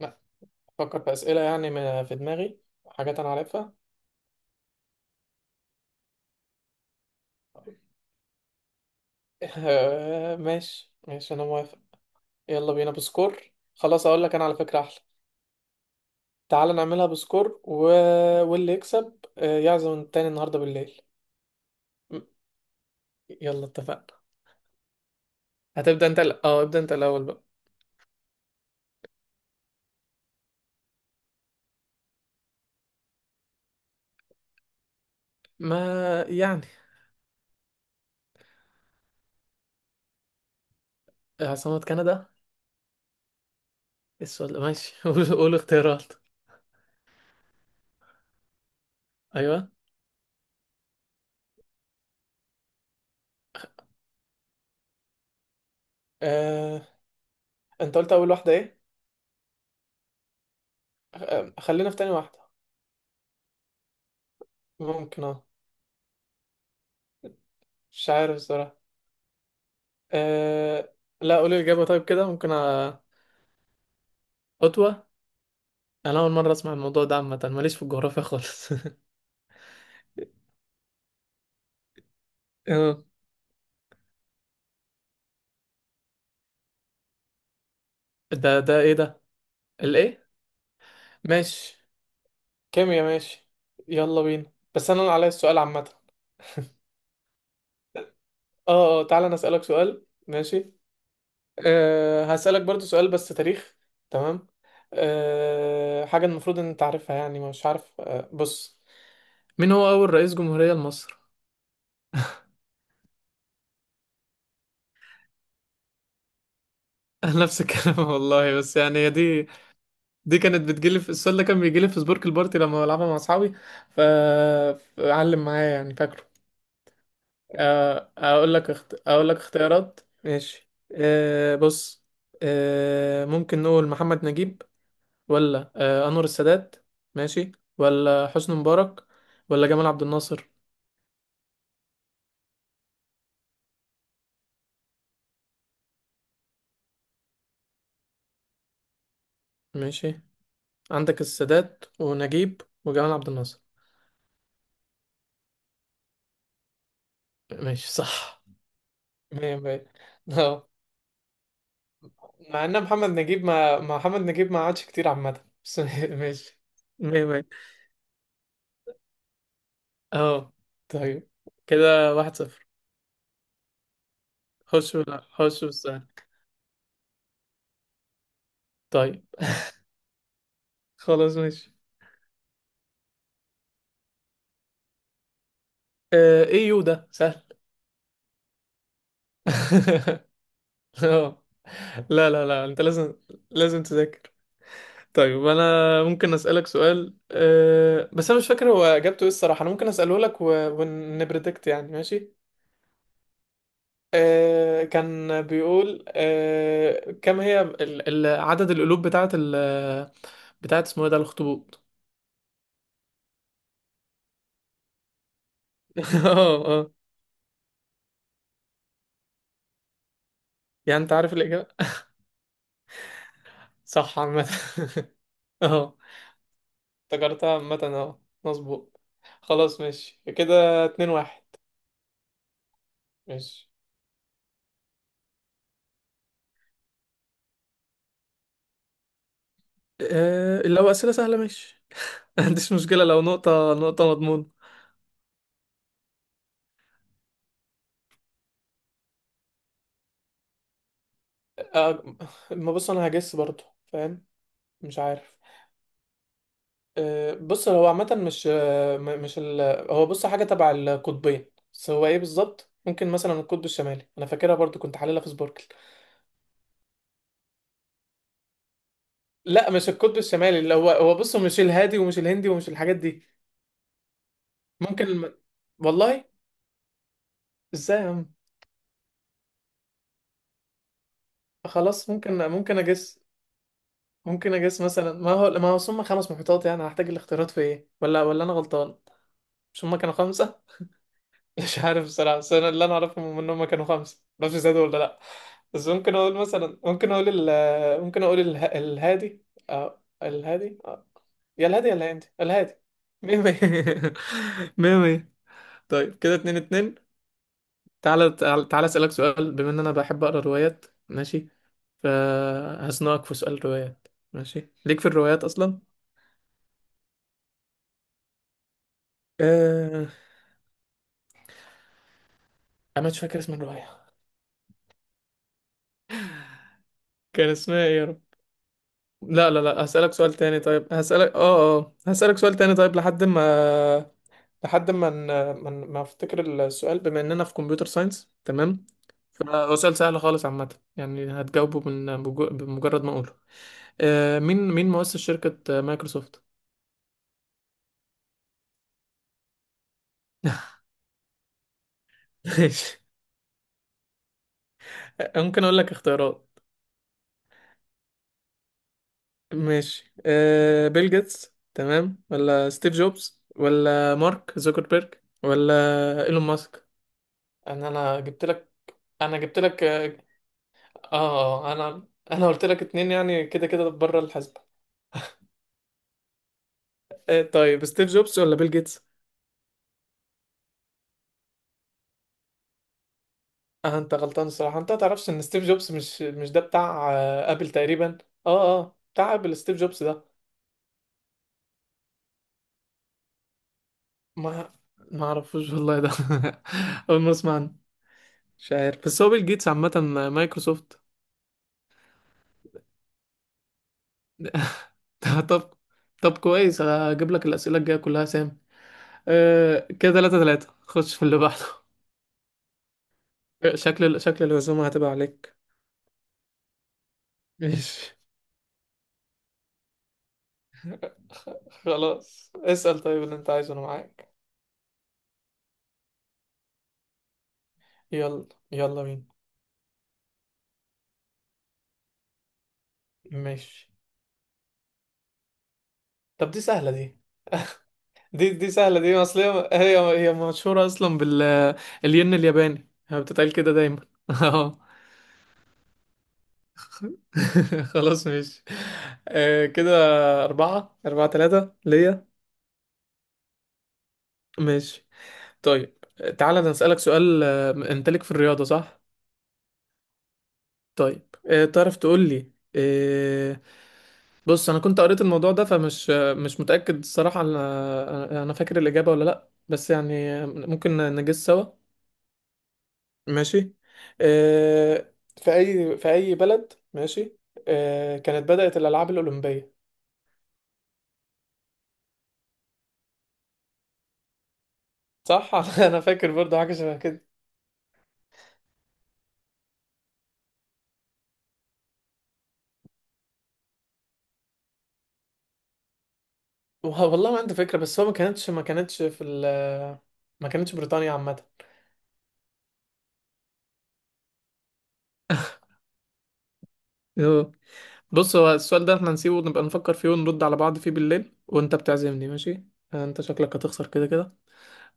لا. فكر في أسئلة يعني في دماغي حاجات أنا عارفها. ماشي، ماشي، أنا موافق. يلا بينا بسكور. خلاص، أقول لك أنا على فكرة أحلى. تعال نعملها بسكور واللي يكسب يعزم التاني النهاردة بالليل. م- يلا، اتفقنا. هتبدأ أنت الأ- أه ابدأ أنت الأول بقى. ما يعني. عاصمة كندا. السؤال ده ماشي. قول، قول اختيارات. أيوه. أه... أنت قلت أول واحدة إيه؟ آه، خلينا في تاني واحدة. ممكن، أه. مش عارف الصراحة. أه... لا، قولي الإجابة طيب. كده ممكن خطوة. أنا أول مرة أسمع الموضوع ده، عامة ماليش في الجغرافيا خالص. آه، ده إيه ده؟ الإيه؟ ماشي. كيميا ماشي. يلا بينا، بس أنا اللي عليا السؤال عامة. أه، أه، تعالى أنا أسألك سؤال. ماشي. هسألك برضو سؤال بس تاريخ. تمام. حاجة المفروض إن أنت عارفها، يعني مش عارف. بص، مين هو أول رئيس جمهورية لمصر؟ نفس الكلام والله، بس يعني هي دي. دي كانت بتجيلي. في السؤال ده كان بيجيلي في سبورك البارتي لما بلعبها مع اصحابي. ف علم معايا يعني، فاكره. اقول لك اختيارات ماشي. بص، أه، ممكن نقول محمد نجيب، ولا انور السادات، ماشي، ولا حسني مبارك، ولا جمال عبد الناصر. ماشي. عندك السادات ونجيب وجمال عبد الناصر. ماشي، صح. مية مية. اه. مع ان محمد نجيب ما عادش كتير عامة بس. ماشي. مية مية. اه. طيب كده 1-0. خش ولا خش بالسهل. طيب، خلاص، ماشي. آه، ايه يو ده سهل. اه. لا، لا، لا، انت لازم تذاكر. طيب، انا ممكن اسألك سؤال، بس انا مش فاكر هو اجابته ايه الصراحة. انا ممكن اسأله لك ونبريدكت يعني. ماشي. كان بيقول كم هي عدد القلوب بتاعت بتاعت اسمه ايه ده الاخطبوط؟ اه، اه. يعني انت عارف الإجابة. صح عامة. اه، افتكرتها عامة. اه، مظبوط. خلاص، ماشي. كده 2-1. ماشي. لو أسئلة سهلة، ماشي. ما عنديش مشكلة لو نقطة نقطة، مضمون. آه، ما بص، أنا هجس برضو، فاهم. مش عارف. بص، هو عامة مش، هو بص حاجة تبع القطبين. بس هو ايه بالظبط؟ ممكن مثلا القطب الشمالي، انا فاكرها برضو، كنت حللها في سبوركل. لا، مش القطب الشمالي، اللي هو بص مش الهادي ومش الهندي ومش الحاجات دي. ممكن والله ازاي يا عم. خلاص، ممكن اجس. ممكن اجس مثلا، ما هو هم خمس محيطات، يعني هحتاج الاختيارات في ايه، ولا انا غلطان؟ مش هم كانوا خمسة؟ مش عارف الصراحة، بس أنا اللي أعرفهم إن هما كانوا خمسة، معرفش زادوا ولا لأ. بس ممكن أقول مثلا، ممكن أقول ال ممكن أقول اله... الهادي. أه، الهادي. أه. يا الهادي، يا الهادي، الهادي. مية مية. مية مية. طيب كده 2-2. تعالى، تعالى، تعالى أسألك سؤال. بما إن أنا بحب أقرأ روايات، ماشي، فهزنقك في سؤال روايات. ماشي، ليك في الروايات أصلا؟ أه... أنا مش فاكر اسم الرواية. كان اسمها إيه يا رب؟ لا، لا، لا، هسألك سؤال تاني طيب. هسألك اه اه هسألك سؤال تاني طيب، لحد ما لحد ما ن- ما افتكر السؤال. بما اننا في كمبيوتر ساينس، تمام، فهو سؤال سهل خالص عامة. يعني هتجاوبه بمجرد ما اقوله. مين مؤسس شركة مايكروسوفت؟ ماشي. ممكن اقول لك اختيارات؟ ماشي. بيل جيتس، تمام؟ ولا ستيف جوبز، ولا مارك زوكربيرج، ولا ايلون ماسك؟ انا انا جبت لك انا جبت لك. اه، اه، انا قلت لك اتنين، يعني كده كده بره الحسبة. طيب، ستيف جوبز ولا بيل جيتس؟ آه، انت غلطان الصراحة. انت تعرفش ان ستيف جوبز مش ده بتاع ابل تقريبا؟ اه، اه، بتاع ابل ستيف جوبز ده. ما ما اعرفوش والله ده. اول ما اسمع عنه. مش عارف، بس هو بيل جيتس عامة. مايكروسوفت. طب طب كويس، هجيب لك الأسئلة الجاية كلها سام. آه، كده 3-3. خش في اللي بعده. شكل الهزومة هتبقى عليك. ماشي، خلاص، اسأل طيب اللي انت عايزه، انا معاك. يلا، يلا بينا. ماشي. طب، دي سهلة دي. دي سهلة دي، اصل هي مشهورة اصلا الين الياباني، هي بتتقال كده دايما. اه. خلاص، ماشي. آه، كده أربعة أربعة تلاتة ليا. ماشي، طيب. تعالى أنا أسألك سؤال. انت ليك في الرياضة، صح؟ طيب، تعرف تقول لي؟ بص، انا كنت قريت الموضوع ده، فمش، مش متأكد الصراحة، انا فاكر الإجابة ولا لا، بس يعني، ممكن نجس سوا. ماشي. آه، في اي بلد، ماشي، كانت بدأت الألعاب الأولمبية؟ صح. انا فاكر برضه حاجة شبه كده. والله ما عندي فكرة، بس هو ما كانتش بريطانيا عامة. بص، هو السؤال ده احنا نسيبه، نبقى نفكر فيه ونرد على بعض فيه بالليل وانت بتعزمني، ماشي. يعني انت شكلك هتخسر كده كده،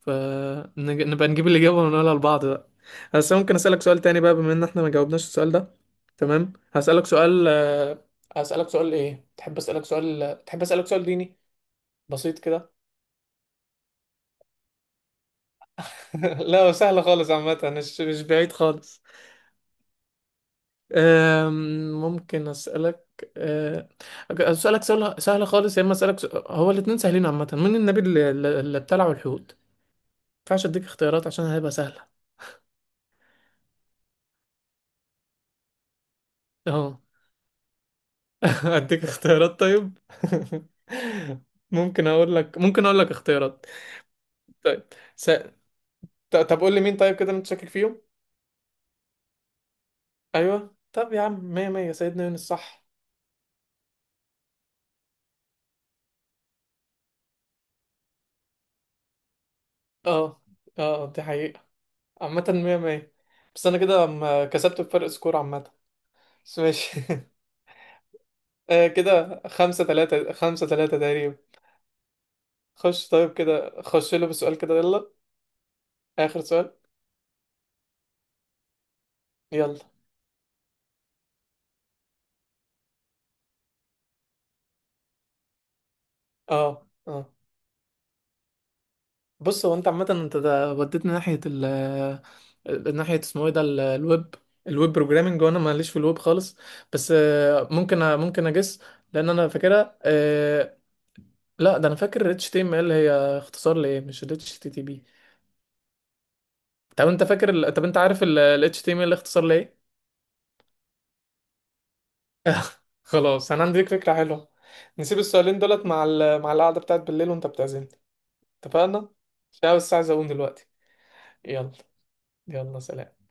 فنبقى نجيب الإجابة ونقولها لبعض بقى. بس ممكن أسألك سؤال تاني بقى، بما ان احنا ما جاوبناش السؤال ده. تمام، هسألك سؤال. ايه تحب؟ أسألك سؤال ديني بسيط كده؟ لا، سهل خالص عامة، مش بعيد خالص. ممكن أسألك أه، أسألك سؤال سهل خالص، يا إما أسألك سؤال. هو الاتنين سهلين عامة. مين النبي اللي ابتلعه الحوت؟ ما ينفعش أديك اختيارات عشان هيبقى سهلة. أهو. أديك اختيارات طيب. ممكن أقول لك اختيارات. طيب، س... طب قول لي مين؟ طيب كده أنت شاكك فيهم؟ أيوه. طب يا عم، مية مية، سيدنا يونس صح. أه، أه، دي حقيقة. عامة مية مية. بس أنا كده كسبت بفرق سكور عامة. بس ماشي. آه، كده 5-3، 5-3 تقريبا. خش. طيب كده خش له بسؤال كده، يلا. آخر سؤال. يلا. اه، اه، بص، هو انت عامة، انت ده وديتني ناحية ال آه، ناحية اسمه ايه ده الويب. الويب بروجرامنج، وانا ماليش في الويب خالص. بس ممكن اجس. لان انا فاكرها. لا، ده انا فاكر اتش تي ام ال هي اختصار لايه. مش ال HTTP؟ طب انت عارف ال اتش تي ام ال HTML اختصار لايه؟ خلاص، انا عندي ليك فكرة حلوة. نسيب السؤالين دولت مع القعدة بتاعت بالليل وانت بتعزمني. اتفقنا؟ عشان أنا بس عايز اقوم دلوقتي. يلا. يلا، سلام.